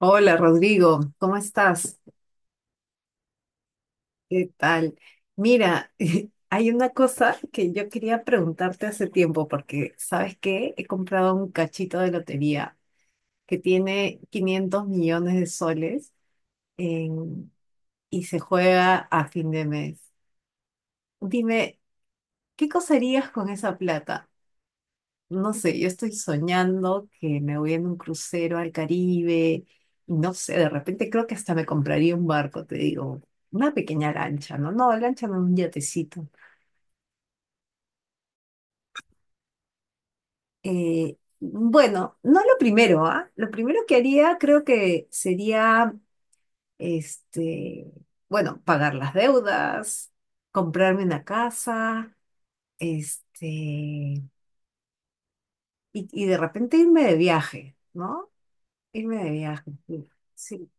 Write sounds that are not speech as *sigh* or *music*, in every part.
Hola Rodrigo, ¿cómo estás? ¿Qué tal? Mira, *laughs* hay una cosa que yo quería preguntarte hace tiempo porque, ¿sabes qué? He comprado un cachito de lotería que tiene 500 millones de soles en- y se juega a fin de mes. Dime, ¿qué cosa harías con esa plata? No sé, yo estoy soñando que me voy en un crucero al Caribe. No sé, de repente creo que hasta me compraría un barco, te digo, una pequeña lancha, ¿no? No, lancha no, un yatecito. Bueno, no lo primero, ¿ah? Lo primero que haría creo que sería, este, bueno, pagar las deudas, comprarme una casa, este, y, y de repente irme de viaje, ¿no? Irme de viaje. Sí, sí.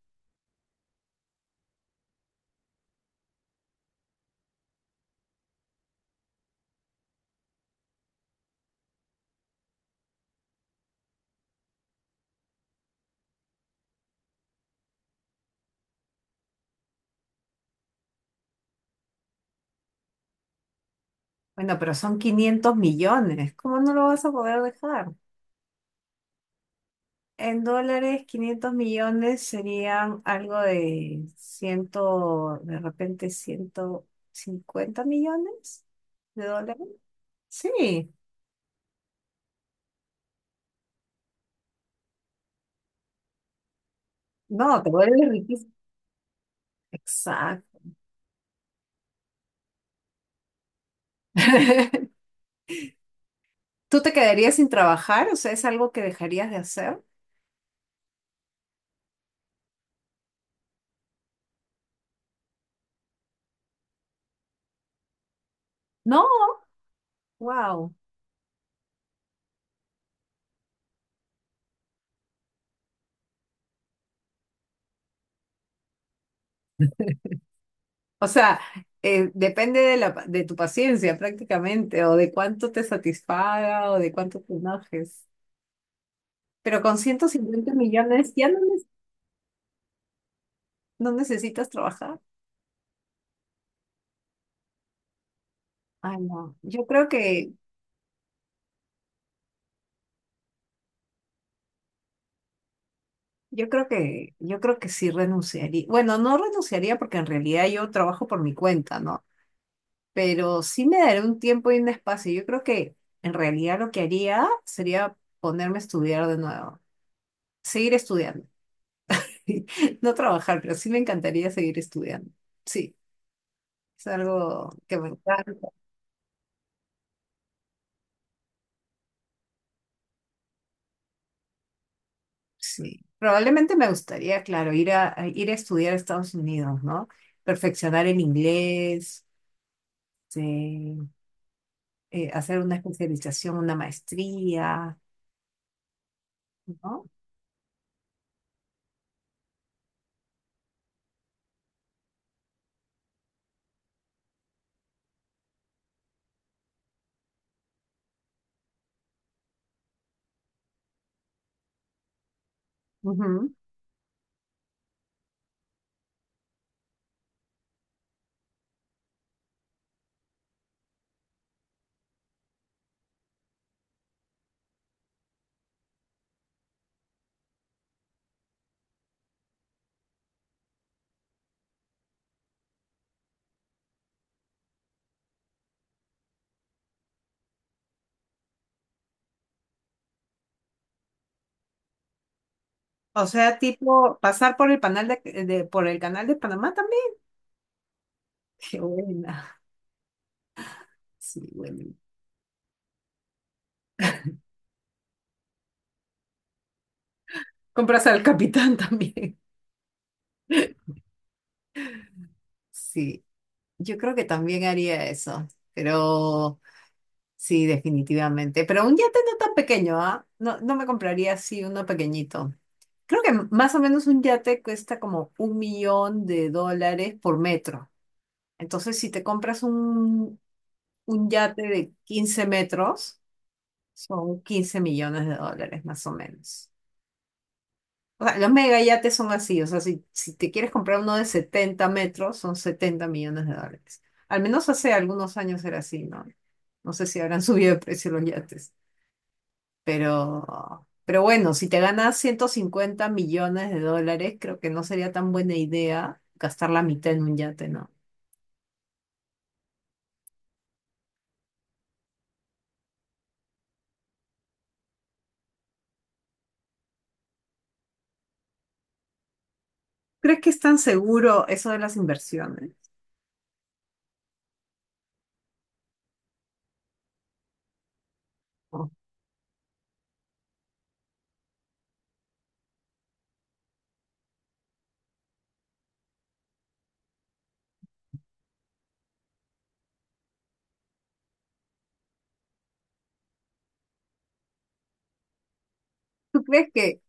Bueno, pero son 500 millones. ¿Cómo no lo vas a poder dejar? En dólares, 500 millones serían algo de ciento, de repente 150 millones de dólares. Sí, no, te vuelves riquísimo. Exacto. *laughs* ¿Tú te quedarías sin trabajar? O sea, ¿es algo que dejarías de hacer? No, wow. O sea, depende de la, de tu paciencia prácticamente, o de cuánto te satisfaga, o de cuánto te enojes. Pero con 150 millones ya no, no necesitas trabajar. Ay, no. Yo creo que sí renunciaría. Bueno, no renunciaría porque en realidad yo trabajo por mi cuenta, ¿no? Pero sí me daré un tiempo y un espacio. Yo creo que en realidad lo que haría sería ponerme a estudiar de nuevo, seguir estudiando. *laughs* No trabajar, pero sí me encantaría seguir estudiando. Sí, es algo que me encanta. Sí, probablemente me gustaría, claro, ir a estudiar a Estados Unidos, ¿no? Perfeccionar el inglés, este, hacer una especialización, una maestría, ¿no? Ujú. O sea, tipo, pasar por el canal de, por el canal de Panamá también. *laughs* Qué buena. Sí, bueno. Compras al capitán *laughs* también. Sí, yo creo que también haría eso, pero sí, definitivamente. Pero un yate no tan pequeño, ¿ah? No, no me compraría así uno pequeñito. Creo que más o menos un yate cuesta como un millón de dólares por metro. Entonces, si te compras un yate de 15 metros, son 15 millones de dólares más o menos. O sea, los mega yates son así. O sea, si te quieres comprar uno de 70 metros, son 70 millones de dólares. Al menos hace algunos años era así, ¿no? No sé si habrán *laughs* subido de precio los yates. Pero bueno, si te ganas 150 millones de dólares, creo que no sería tan buena idea gastar la mitad en un yate, ¿no? ¿Crees que es tan seguro eso de las inversiones? ¿O ¿tú crees que,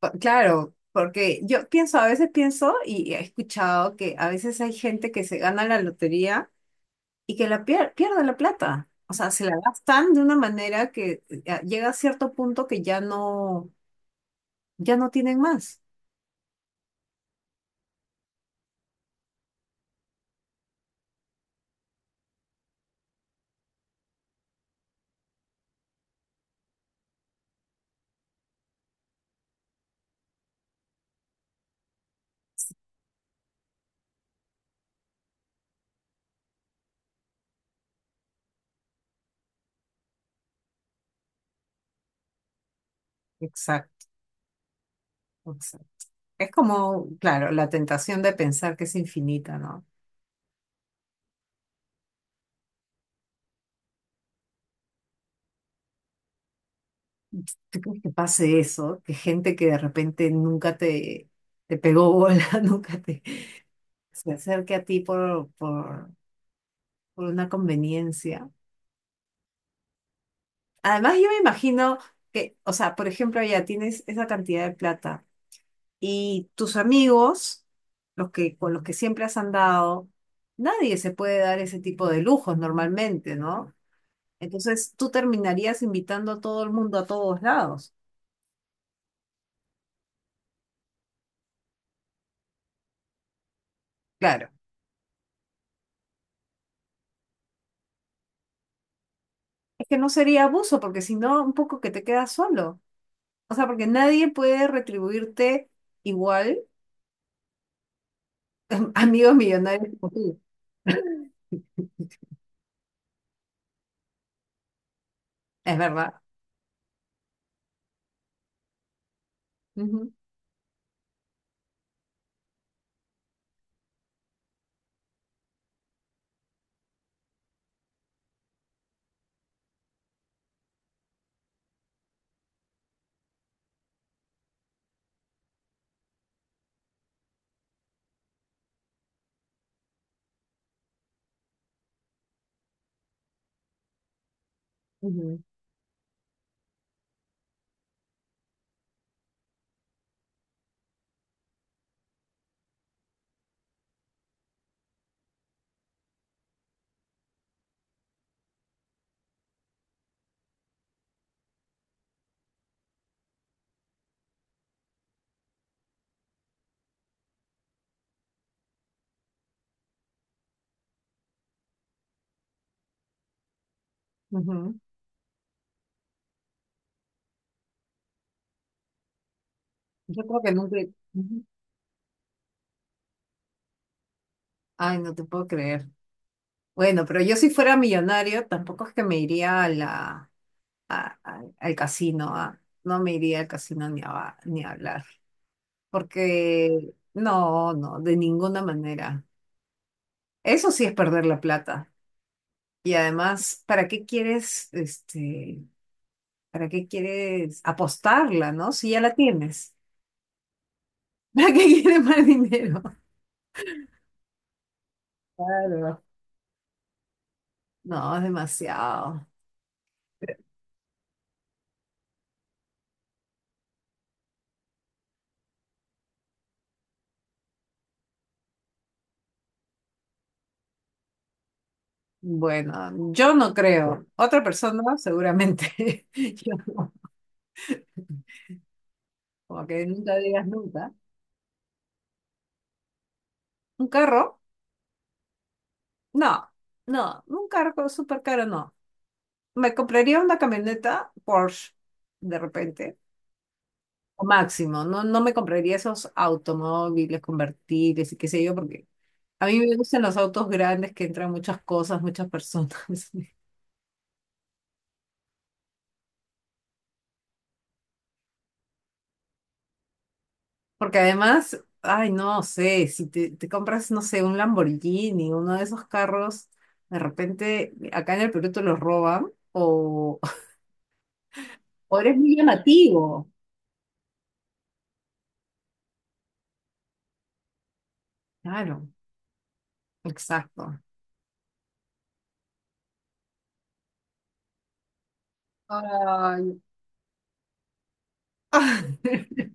claro, porque yo pienso, a veces pienso y he escuchado que a veces hay gente que se gana la lotería y que la pierde la plata. O sea, se la gastan de una manera que llega a cierto punto que ya no, ya no tienen más. Exacto, exacto. Es como, claro, la tentación de pensar que es infinita, ¿no? ¿Tú crees que pase eso? Que gente que de repente nunca te, te pegó bola, *laughs* nunca te se acerque a ti por una conveniencia. Además, yo me imagino que, o sea, por ejemplo, ya tienes esa cantidad de plata y tus amigos, con los que siempre has andado, nadie se puede dar ese tipo de lujos normalmente, ¿no? Entonces, tú terminarías invitando a todo el mundo a todos lados. Claro, es que no sería abuso, porque si no, un poco que te quedas solo. O sea, porque nadie puede retribuirte igual, *laughs* amigos millonarios como tú. *laughs* Es verdad. Ujú, ujú, ujú. Yo creo que nunca... Ujú. Ay, no te puedo creer. Bueno, pero yo si fuera millonario, tampoco es que me iría a la, a- al casino. No me iría al casino ni a hablar. Porque no, no, de ninguna manera. Eso sí es perder la plata. Y además, ¿para qué quieres, para qué quieres apostarla, ¿no? Si ya la tienes. *laughs* ¿Para qué quieres más dinero? Claro. No, es demasiado. Bueno, yo no creo. Otra persona, seguramente. *laughs* Yo no. Como que nunca digas nunca. ¿Un carro? No, no, un carro súper caro no. Me compraría una camioneta Porsche de repente máximo. No, no me compraría esos automóviles convertibles y qué sé yo, porque a mí me gustan los autos grandes que entran muchas cosas, muchas personas. *laughs* Porque además, ay, no sé, si te compras, no sé, un Lamborghini, uno de esos carros, de repente acá en el Perú te los roban o, *laughs* o eres muy llamativo. Claro, exacto. Ay. *laughs*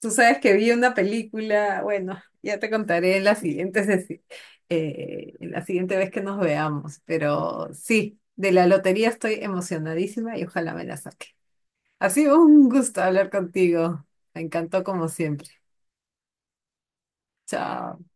Tú sabes que vi una película, bueno, ya te contaré en la siguiente, en la siguiente vez que nos veamos, pero sí, de la lotería estoy emocionadísima y ojalá me la saque. Ha sido un gusto hablar contigo. Me encantó como siempre. Chao.